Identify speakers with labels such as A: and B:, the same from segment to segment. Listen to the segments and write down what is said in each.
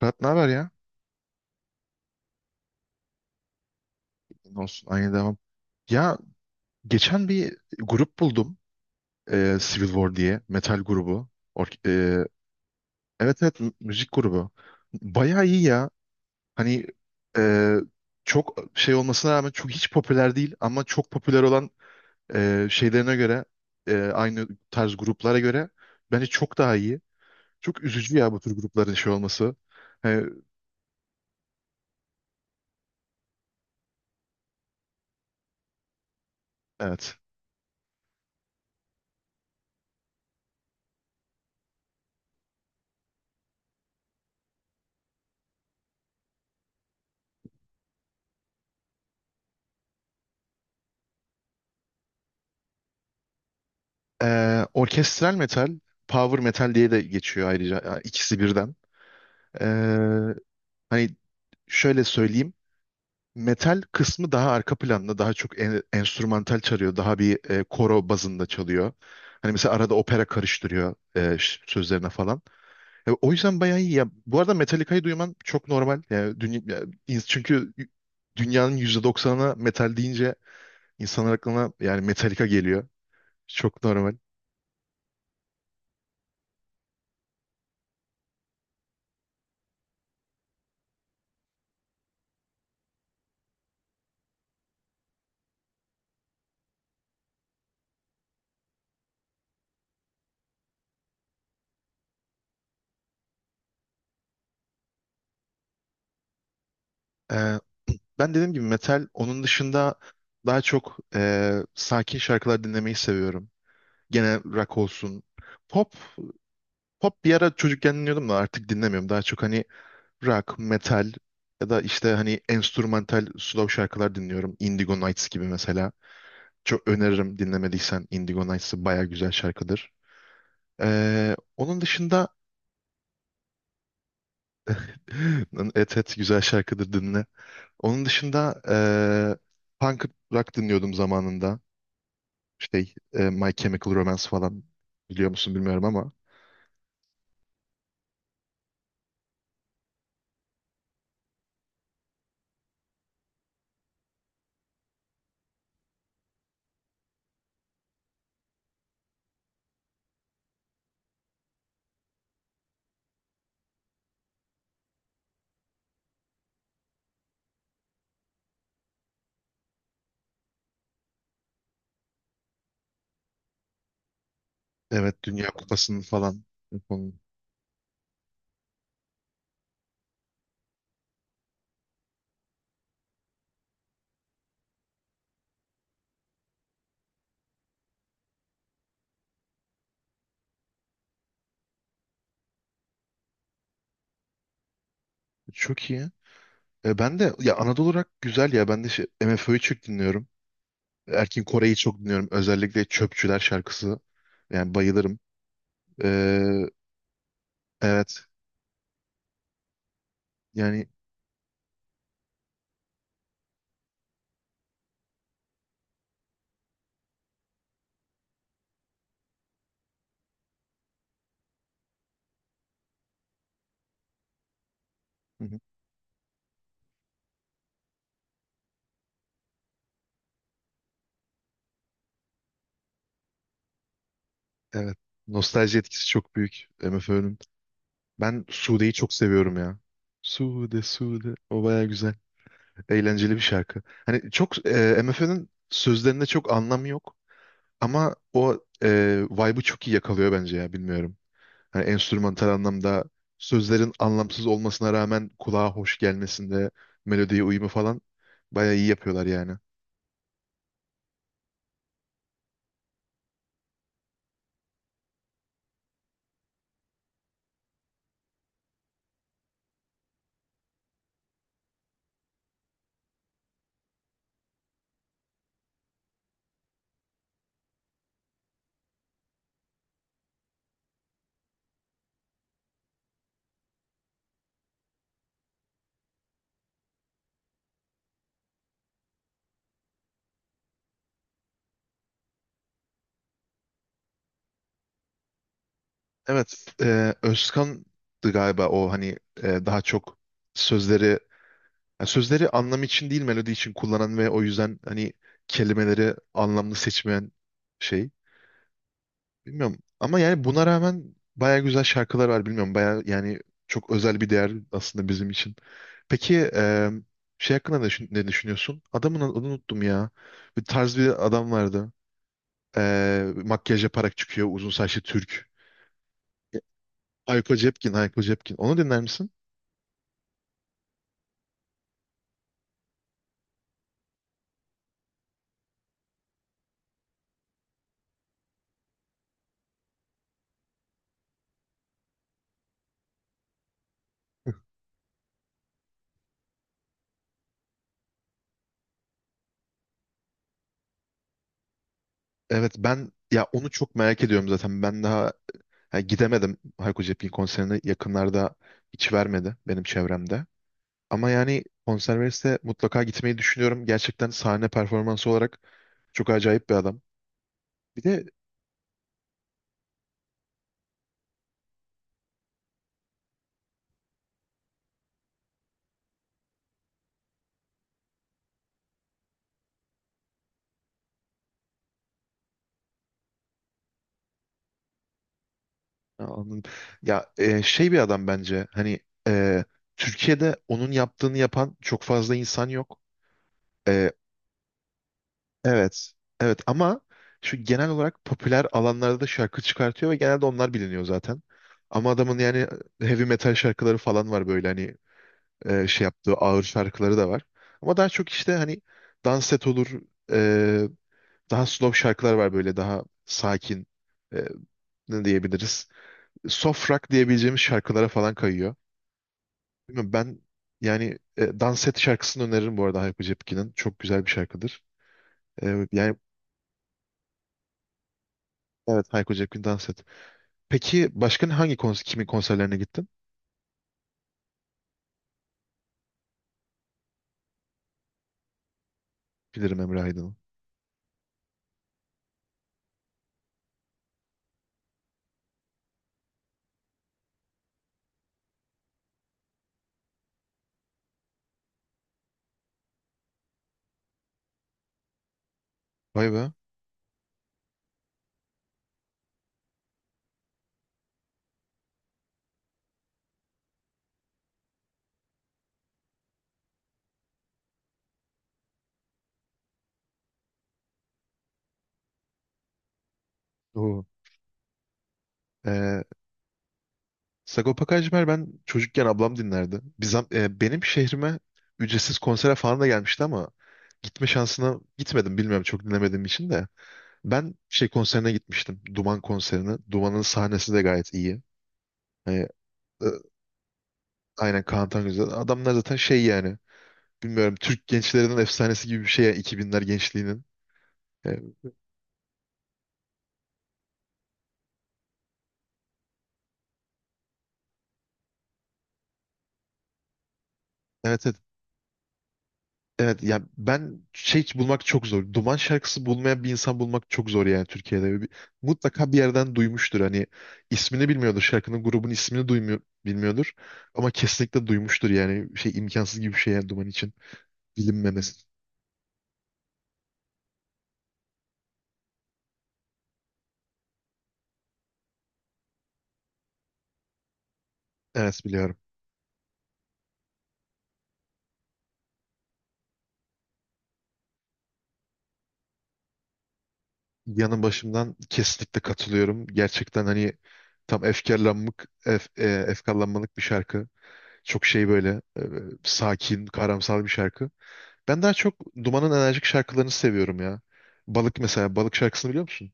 A: Fırat ne haber ya? Ne olsun aynı devam. Ya geçen bir grup buldum. Civil War diye. Metal grubu. Ork- e, evet, evet, müzik grubu. Bayağı iyi ya. Hani e, çok şey olmasına rağmen çok hiç popüler değil ama çok popüler olan şeylerine göre aynı tarz gruplara göre bence çok daha iyi. Çok üzücü ya bu tür grupların şey olması. E, evet. Orkestral metal, power metal diye de geçiyor ayrıca. Yani ikisi birden. Ee, Hani şöyle söyleyeyim. Metal kısmı daha arka planda, daha çok enstrümantal çalıyor, daha bir koro bazında çalıyor. Hani mesela arada opera karıştırıyor sözlerine falan. O yüzden bayağı iyi. Ya, bu arada Metallica'yı duyman çok normal. Yani, dünya, ya, çünkü dünyanın %90'ına metal deyince insanlar aklına yani Metallica geliyor. Çok normal. E, Ben dediğim gibi metal, onun dışında daha çok sakin şarkılar dinlemeyi seviyorum. Gene rock olsun. Pop, pop bir ara çocukken dinliyordum da artık dinlemiyorum. Daha çok hani rock, metal ya da işte hani enstrümantal slow şarkılar dinliyorum. Indigo Nights gibi mesela. Çok öneririm dinlemediysen Indigo Nights'ı baya güzel şarkıdır. Onun dışında et et güzel şarkıdır dinle. Onun dışında punk rock dinliyordum zamanında. İşte My Chemical Romance falan biliyor musun bilmiyorum ama. Evet, Dünya Kupası'nın falan. Yapalım. Çok iyi. Ben de ya Anadolu olarak güzel ya. Ben de şey, MFÖ'yü çok dinliyorum. Erkin Koray'ı çok dinliyorum. Özellikle Çöpçüler şarkısı. Yani bayılırım. E, evet. Yani, hı hı. Evet. Nostalji etkisi çok büyük MFÖ'nün. Ben Sude'yi çok seviyorum ya. Sude, Sude. O baya güzel. Eğlenceli bir şarkı. Hani çok MF'nin sözlerinde çok anlam yok ama o vibe'ı çok iyi yakalıyor bence ya bilmiyorum. Hani enstrümantal anlamda sözlerin anlamsız olmasına rağmen kulağa hoş gelmesinde melodiye uyumu falan bayağı iyi yapıyorlar yani. Evet, Özkan'dı galiba o hani daha çok sözleri yani sözleri anlam için değil melodi için kullanan ve o yüzden hani kelimeleri anlamlı seçmeyen şey. Bilmiyorum ama yani buna rağmen baya güzel şarkılar var bilmiyorum baya yani çok özel bir değer aslında bizim için. Peki şey hakkında ne düşünüyorsun? Adamın adını unuttum ya. Bir tarz bir adam vardı. Makyaj yaparak çıkıyor uzun saçlı Türk. Hayko Cepkin, Hayko Cepkin. Onu dinler misin? Evet, ben ya onu çok merak ediyorum zaten. Ben daha ha, gidemedim Hayko Cepkin konserine. Yakınlarda hiç vermedi benim çevremde. Ama yani Conserves'e mutlaka gitmeyi düşünüyorum. Gerçekten sahne performansı olarak çok acayip bir adam. Bir de ya, anladım. Ya şey bir adam bence. Hani e, Türkiye'de onun yaptığını yapan çok fazla insan yok. E, evet. Evet ama şu genel olarak popüler alanlarda da şarkı çıkartıyor ve genelde onlar biliniyor zaten. Ama adamın yani heavy metal şarkıları falan var böyle hani şey yaptığı ağır şarkıları da var. Ama daha çok işte hani dans set olur, e, daha slow şarkılar var böyle daha sakin e, ne diyebiliriz? Soft rock diyebileceğimiz şarkılara falan kayıyor. Bilmiyorum, ben yani Dans Et şarkısını öneririm bu arada Hayko Cepkin'in. Çok güzel bir şarkıdır. Yani evet, Hayko Cepkin Dans Et. Peki başka hangi kimin konserlerine gittin? Bilirim Emre Aydın'ın. Vay be. Oo. E, Sagopa Kajmer ben çocukken ablam dinlerdi. Benim şehrime ücretsiz konsere falan da gelmişti ama gitme şansına gitmedim bilmiyorum çok dinlemediğim için de. Ben şey konserine gitmiştim. Duman konserine. Duman'ın sahnesi de gayet iyi. Hani, e, aynen Kaan Tangözel. Adamlar zaten şey yani. Bilmiyorum, Türk gençlerinin efsanesi gibi bir şey yani, 2000'ler gençliğinin. E, evet, evet. Evet yani ben şey bulmak çok zor. Duman şarkısı bulmayan bir insan bulmak çok zor yani Türkiye'de. Mutlaka bir yerden duymuştur. Hani ismini bilmiyordur. Şarkının grubun ismini duymuyor, bilmiyordur. Ama kesinlikle duymuştur yani. Şey imkansız gibi bir şey yani Duman için bilinmemesi. Evet, biliyorum. Yanı başımdan kesinlikle katılıyorum. Gerçekten hani tam efkarlanmak, efkarlanmalık bir şarkı. Çok şey böyle sakin, karamsar bir şarkı. Ben daha çok Duman'ın enerjik şarkılarını seviyorum ya. Balık mesela, Balık şarkısını biliyor musun?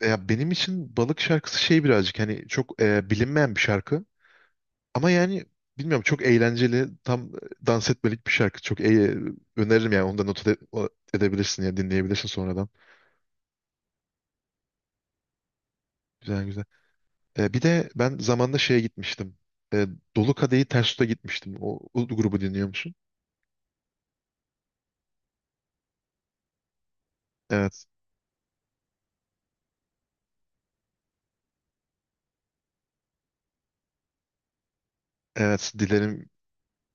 A: Ya benim için Balık şarkısı şey birazcık hani çok bilinmeyen bir şarkı. Ama yani bilmiyorum çok eğlenceli, tam dans etmelik bir şarkı. Çok öneririm yani onu da not edebilirsin ya dinleyebilirsin sonradan. Güzel güzel. Bir de ben zamanında şeye gitmiştim. E, Dolu Kadehi Ters Tut'a gitmiştim. O grubu dinliyor musun? Evet. Evet. Dilerim,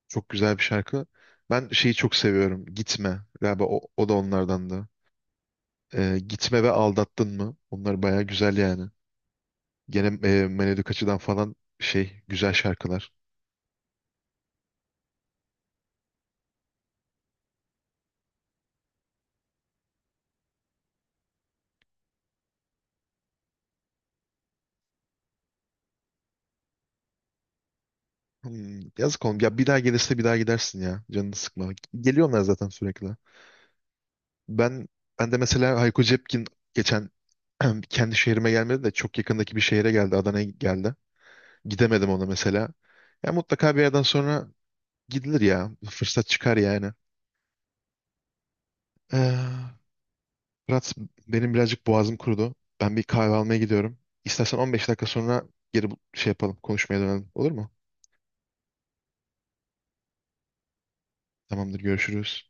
A: çok güzel bir şarkı. Ben şeyi çok seviyorum. Gitme. Galiba o da onlardandı. Gitme ve Aldattın mı? Onlar baya güzel yani. Gene melodik açıdan falan şey güzel şarkılar. Hmm, yazık oğlum. Ya bir daha gelirse bir daha gidersin ya. Canını sıkma. Geliyorlar zaten sürekli. Ben ben de mesela Hayko Cepkin geçen kendi şehrime gelmedi de çok yakındaki bir şehre geldi. Adana'ya geldi. Gidemedim ona mesela. Ya mutlaka bir yerden sonra gidilir ya. Fırsat çıkar yani. Ee, Fırat benim birazcık boğazım kurudu. Ben bir kahve almaya gidiyorum. İstersen 15 dakika sonra geri şey yapalım. Konuşmaya dönelim. Olur mu? Tamamdır, görüşürüz.